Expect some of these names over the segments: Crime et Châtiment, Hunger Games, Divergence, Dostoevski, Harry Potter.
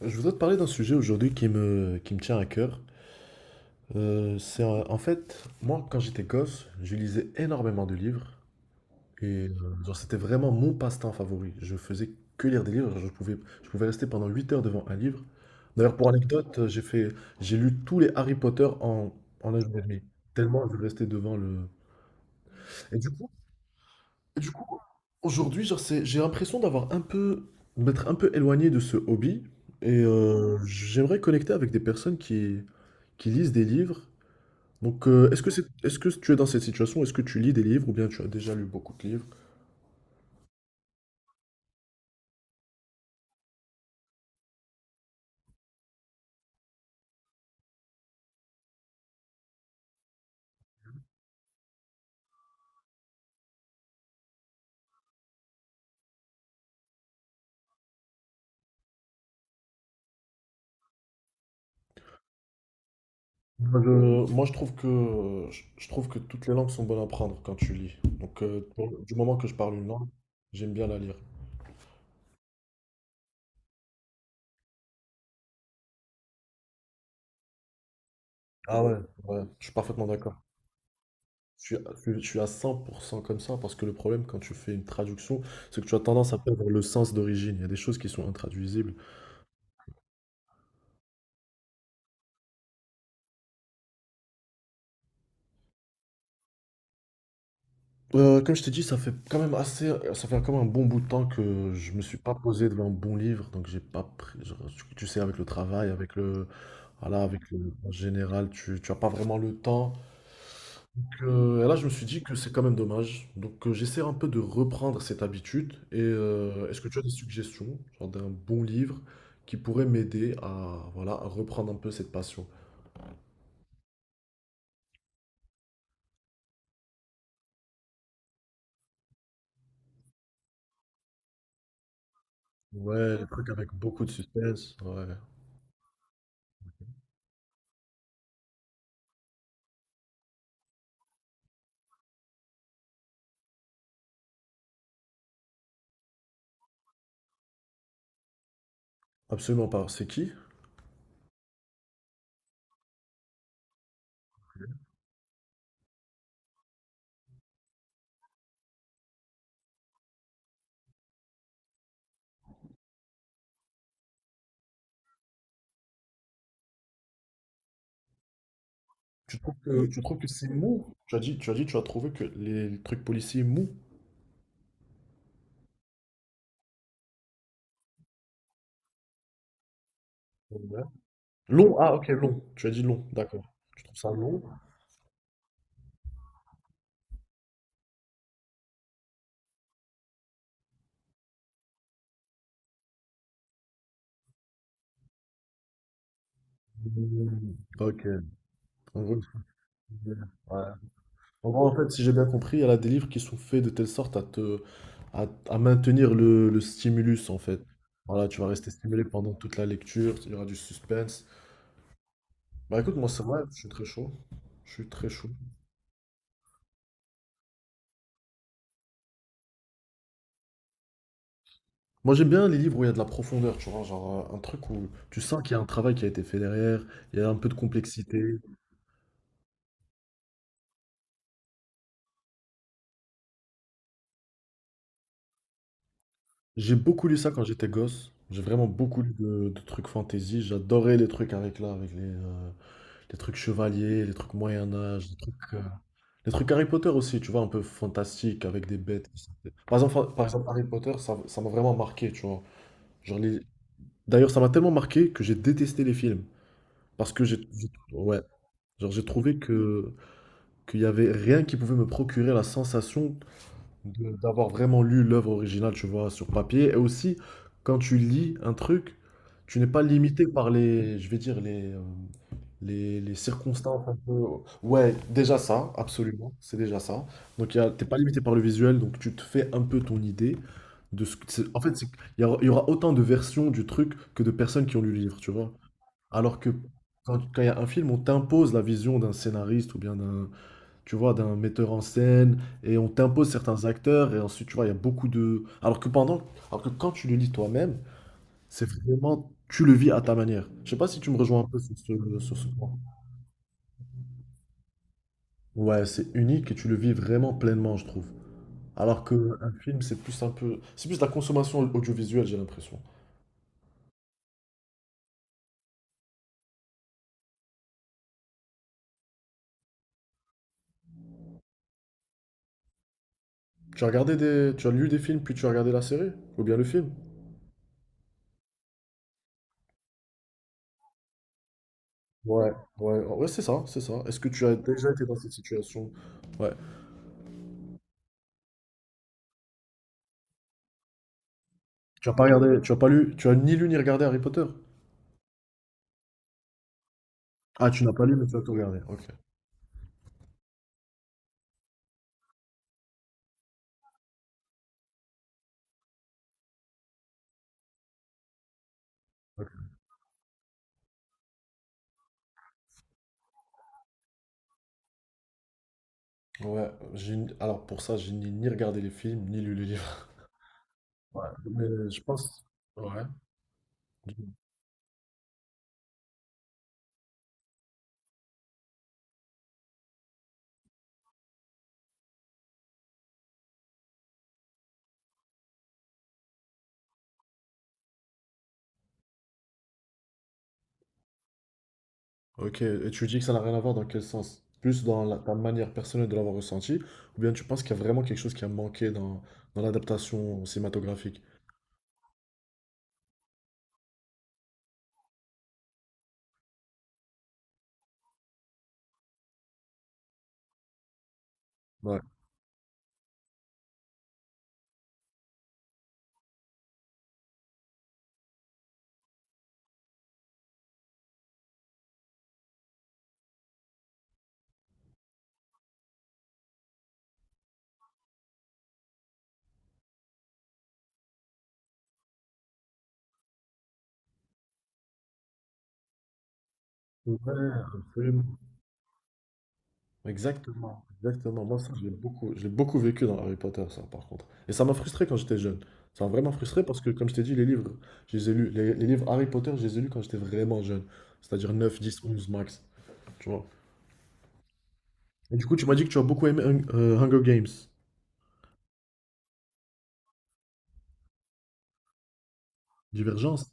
Je voudrais te parler d'un sujet aujourd'hui qui me tient à cœur. En fait, moi, quand j'étais gosse, je lisais énormément de livres et genre, c'était vraiment mon passe-temps favori. Je faisais que lire des livres. Je pouvais rester pendant 8 heures devant un livre. D'ailleurs, pour anecdote, j'ai lu tous les Harry Potter en un jour et demi. Tellement je restais devant le. Et du coup, Et du coup, aujourd'hui, genre, j'ai l'impression d'être un peu éloigné de ce hobby. Et j'aimerais connecter avec des personnes qui lisent des livres. Donc, est-ce que tu es dans cette situation? Est-ce que tu lis des livres ou bien tu as déjà lu beaucoup de livres? Moi, je trouve que toutes les langues sont bonnes à apprendre quand tu lis. Donc, du moment que je parle une langue, j'aime bien la lire. Ah ouais? Ouais, je suis parfaitement d'accord. Je suis à je suis à 100 comme ça parce que le problème quand tu fais une traduction, c'est que tu as tendance à perdre le sens d'origine. Il y a des choses qui sont intraduisibles. Comme je t'ai dit, ça fait quand même un bon bout de temps que je me suis pas posé devant un bon livre, donc j'ai pas pris. Genre, tu sais, avec le travail, voilà, en général, tu as pas vraiment le temps. Et là, je me suis dit que c'est quand même dommage. Donc, j'essaie un peu de reprendre cette habitude. Et est-ce que tu as des suggestions, genre d'un bon livre qui pourrait m'aider voilà, à reprendre un peu cette passion? Ouais, les trucs avec beaucoup de suspense. Ouais, absolument pas. C'est qui? Tu trouves que c'est mou? Tu as trouvé que les trucs policiers mou. Ouais. Long? Ah, ok, long. Tu as dit long, d'accord. Tu trouves ça long? Mm, ok. En gros, ouais. En gros, en fait, si j'ai bien compris, il y a des livres qui sont faits de telle sorte à te, à maintenir le stimulus, en fait. Voilà, tu vas rester stimulé pendant toute la lecture, il y aura du suspense. Bah écoute, moi, c'est vrai, je suis très chaud. Je suis très chaud. Moi, j'aime bien les livres où il y a de la profondeur, tu vois, genre un truc où tu sens qu'il y a un travail qui a été fait derrière, il y a un peu de complexité. J'ai beaucoup lu ça quand j'étais gosse. J'ai vraiment beaucoup lu de trucs fantasy. J'adorais les trucs avec là, les trucs chevaliers, les trucs Moyen-Âge, Les trucs Harry Potter aussi, tu vois, un peu fantastique, avec des bêtes. Par exemple Harry Potter, ça m'a vraiment marqué, tu vois. Genre les... D'ailleurs, ça m'a tellement marqué que j'ai détesté les films. Parce que j'ai- Ouais. Genre, j'ai trouvé que qu'il y avait rien qui pouvait me procurer la sensation d'avoir vraiment lu l'œuvre originale, tu vois, sur papier. Et aussi, quand tu lis un truc, tu n'es pas limité par je vais dire, les circonstances un peu. Ouais, déjà ça, absolument, c'est déjà ça. Donc, t'es pas limité par le visuel, donc tu te fais un peu ton idée de ce que. En fait, il y aura autant de versions du truc que de personnes qui ont lu le livre, tu vois. Alors que quand il y a un film, on t'impose la vision d'un scénariste ou bien d'un tu vois, d'un metteur en scène, et on t'impose certains acteurs, et ensuite, tu vois, il y a beaucoup de. Alors que quand tu le lis toi-même, c'est vraiment, tu le vis à ta manière. Je sais pas si tu me rejoins un peu sur ce point. Ouais, c'est unique et tu le vis vraiment pleinement, je trouve. Alors que un film, c'est plus de la consommation audiovisuelle, j'ai l'impression. Tu as lu des films, puis tu as regardé la série, ou bien le film? Ouais, ouais, ouais, c'est ça, c'est ça. Est-ce que tu as déjà été dans cette situation? Ouais. Tu as ni lu ni regardé Harry Potter? Ah, tu n'as pas lu, mais tu as tout regardé. Ok. Ok. Ouais, alors pour ça, j'ai ni regardé les films, ni lu les livres. Ouais. Mais je pense. Ouais. Ok, et tu dis que ça n'a rien à voir dans quel sens? Plus dans ta manière personnelle de l'avoir ressenti, ou bien tu penses qu'il y a vraiment quelque chose qui a manqué dans l'adaptation cinématographique? Ouais. Ouais, absolument. Exactement, exactement. Moi, ça, je l'ai beaucoup vécu dans Harry Potter, ça, par contre. Et ça m'a frustré quand j'étais jeune. Ça m'a vraiment frustré parce que, comme je t'ai dit, les livres, je les ai lus, les livres Harry Potter, je les ai lus quand j'étais vraiment jeune. C'est-à-dire neuf 10 11 max. Tu vois. Et du coup, tu m'as dit que tu as beaucoup aimé Hunger Games. Divergence?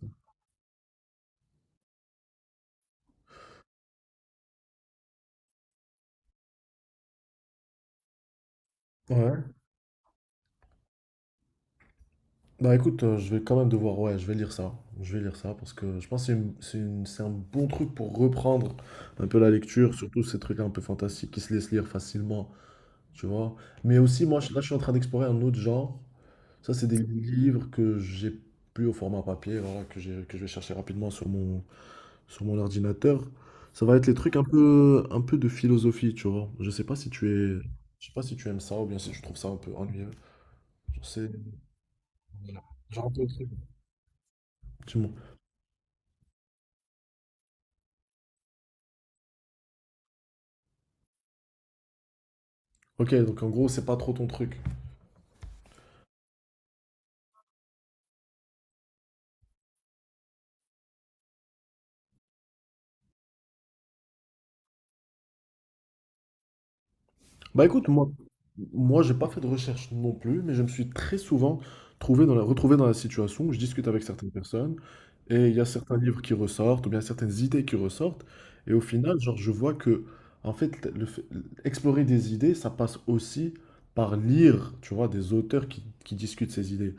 Ouais. Bah écoute, je vais quand même devoir, ouais, je vais lire ça. Je vais lire ça parce que je pense que c'est un bon truc pour reprendre un peu la lecture, surtout ces trucs un peu fantastiques qui se laissent lire facilement. Tu vois? Mais aussi, moi, là, je suis en train d'explorer un autre genre. Ça, c'est des livres que j'ai plus au format papier, voilà, que je vais chercher rapidement sur mon ordinateur. Ça va être les trucs un peu de philosophie, tu vois. Je sais pas si tu aimes ça ou bien si tu trouves ça un peu ennuyeux. Je sais, dis-moi. Ok, donc en gros, c'est pas trop ton truc. Bah écoute, moi j'ai pas fait de recherche non plus, mais je me suis très souvent retrouvé dans la situation où je discute avec certaines personnes et il y a certains livres qui ressortent ou bien certaines idées qui ressortent et au final, genre, je vois que en fait, explorer des idées, ça passe aussi par lire, tu vois, des auteurs qui discutent ces idées.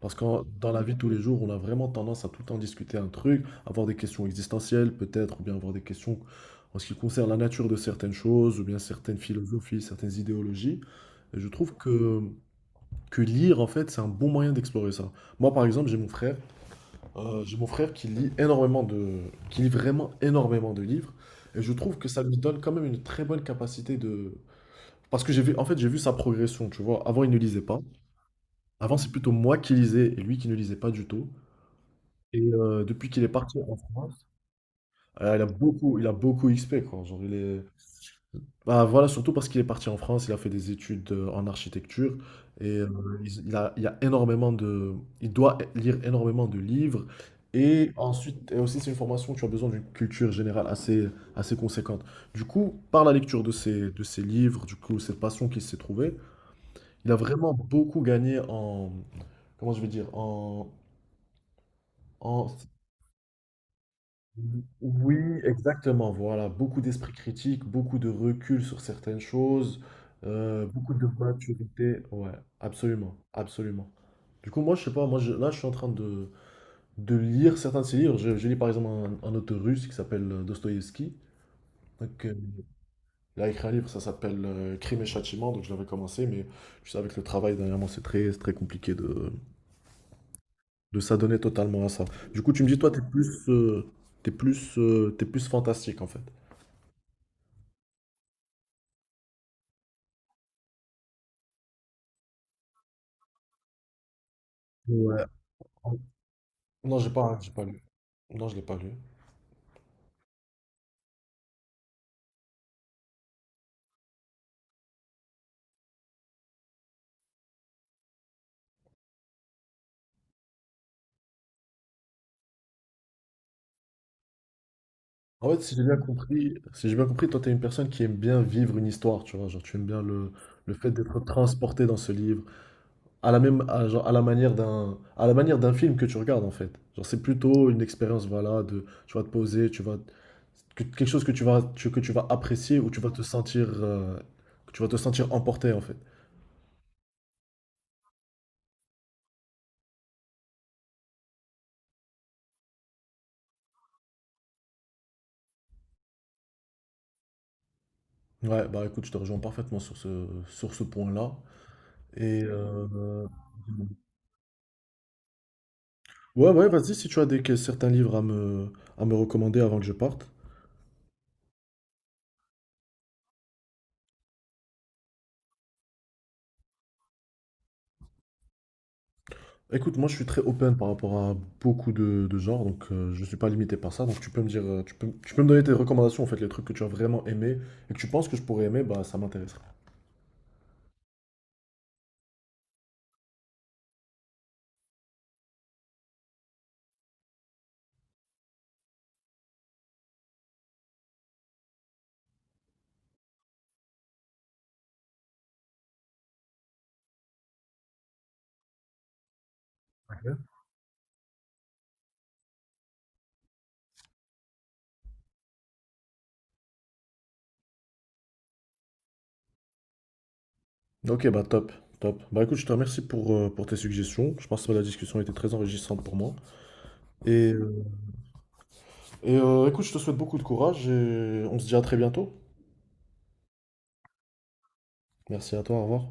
Parce que dans la vie de tous les jours, on a vraiment tendance à tout le temps discuter un truc, avoir des questions existentielles peut-être, ou bien avoir des questions en ce qui concerne la nature de certaines choses ou bien certaines philosophies, certaines idéologies. Je trouve que lire, en fait, c'est un bon moyen d'explorer ça. Moi, par exemple, j'ai mon frère, qui lit qui lit vraiment énormément de livres, et je trouve que ça lui donne quand même une très bonne capacité de, parce que j'ai vu sa progression, tu vois. Avant, il ne lisait pas. Avant, c'est plutôt moi qui lisais et lui qui ne lisait pas du tout. Et depuis qu'il est parti en France, il a beaucoup XP, quoi. Genre, il est, Bah voilà, surtout parce qu'il est parti en France, il a fait des études en architecture et il a il doit lire énormément de livres et ensuite et aussi c'est une formation où tu as besoin d'une culture générale assez conséquente. Du coup, par la lecture de ces livres, du coup cette passion qu'il s'est trouvée, il a vraiment beaucoup gagné en comment je vais dire en en Oui, exactement. Voilà, beaucoup d'esprit critique, beaucoup de recul sur certaines choses, beaucoup de maturité. Ouais, absolument, absolument. Du coup, moi, je sais pas, moi, là, je suis en train de lire certains de ses livres. Je lis par exemple un auteur russe qui s'appelle Dostoïevski. Donc, il a écrit un livre, ça s'appelle Crime et Châtiment. Donc, je l'avais commencé, mais tu sais, avec le travail dernièrement, c'est très compliqué de s'adonner totalement à ça. Du coup, tu me dis, toi, t'es plus fantastique en fait. Non, j'ai pas lu. Non, je l'ai pas lu. En fait, si j'ai bien compris, toi, t'es une personne qui aime bien vivre une histoire, tu vois. Genre, tu aimes bien le fait d'être transporté dans ce livre, à la manière d'un film que tu regardes, en fait. Genre, c'est plutôt une expérience, voilà, de, tu vas te poser, quelque chose que tu vas apprécier ou tu vas te sentir, que tu vas te sentir, emporté, en fait. Ouais, bah écoute, je te rejoins parfaitement sur ce point-là. Et, ouais, ouais, vas-y, si tu as des, certains livres à me recommander avant que je parte. Écoute, moi je suis très open par rapport à beaucoup de genres, donc je ne suis pas limité par ça. Tu peux me donner tes recommandations, en fait, les trucs que tu as vraiment aimé et que tu penses que je pourrais aimer, bah ça m'intéresserait. Ok, bah top, top. Bah écoute, je te remercie pour tes suggestions. Je pense que la discussion a été très enrichissante pour moi. Et, euh, écoute, je te souhaite beaucoup de courage et on se dit à très bientôt. Merci à toi, au revoir.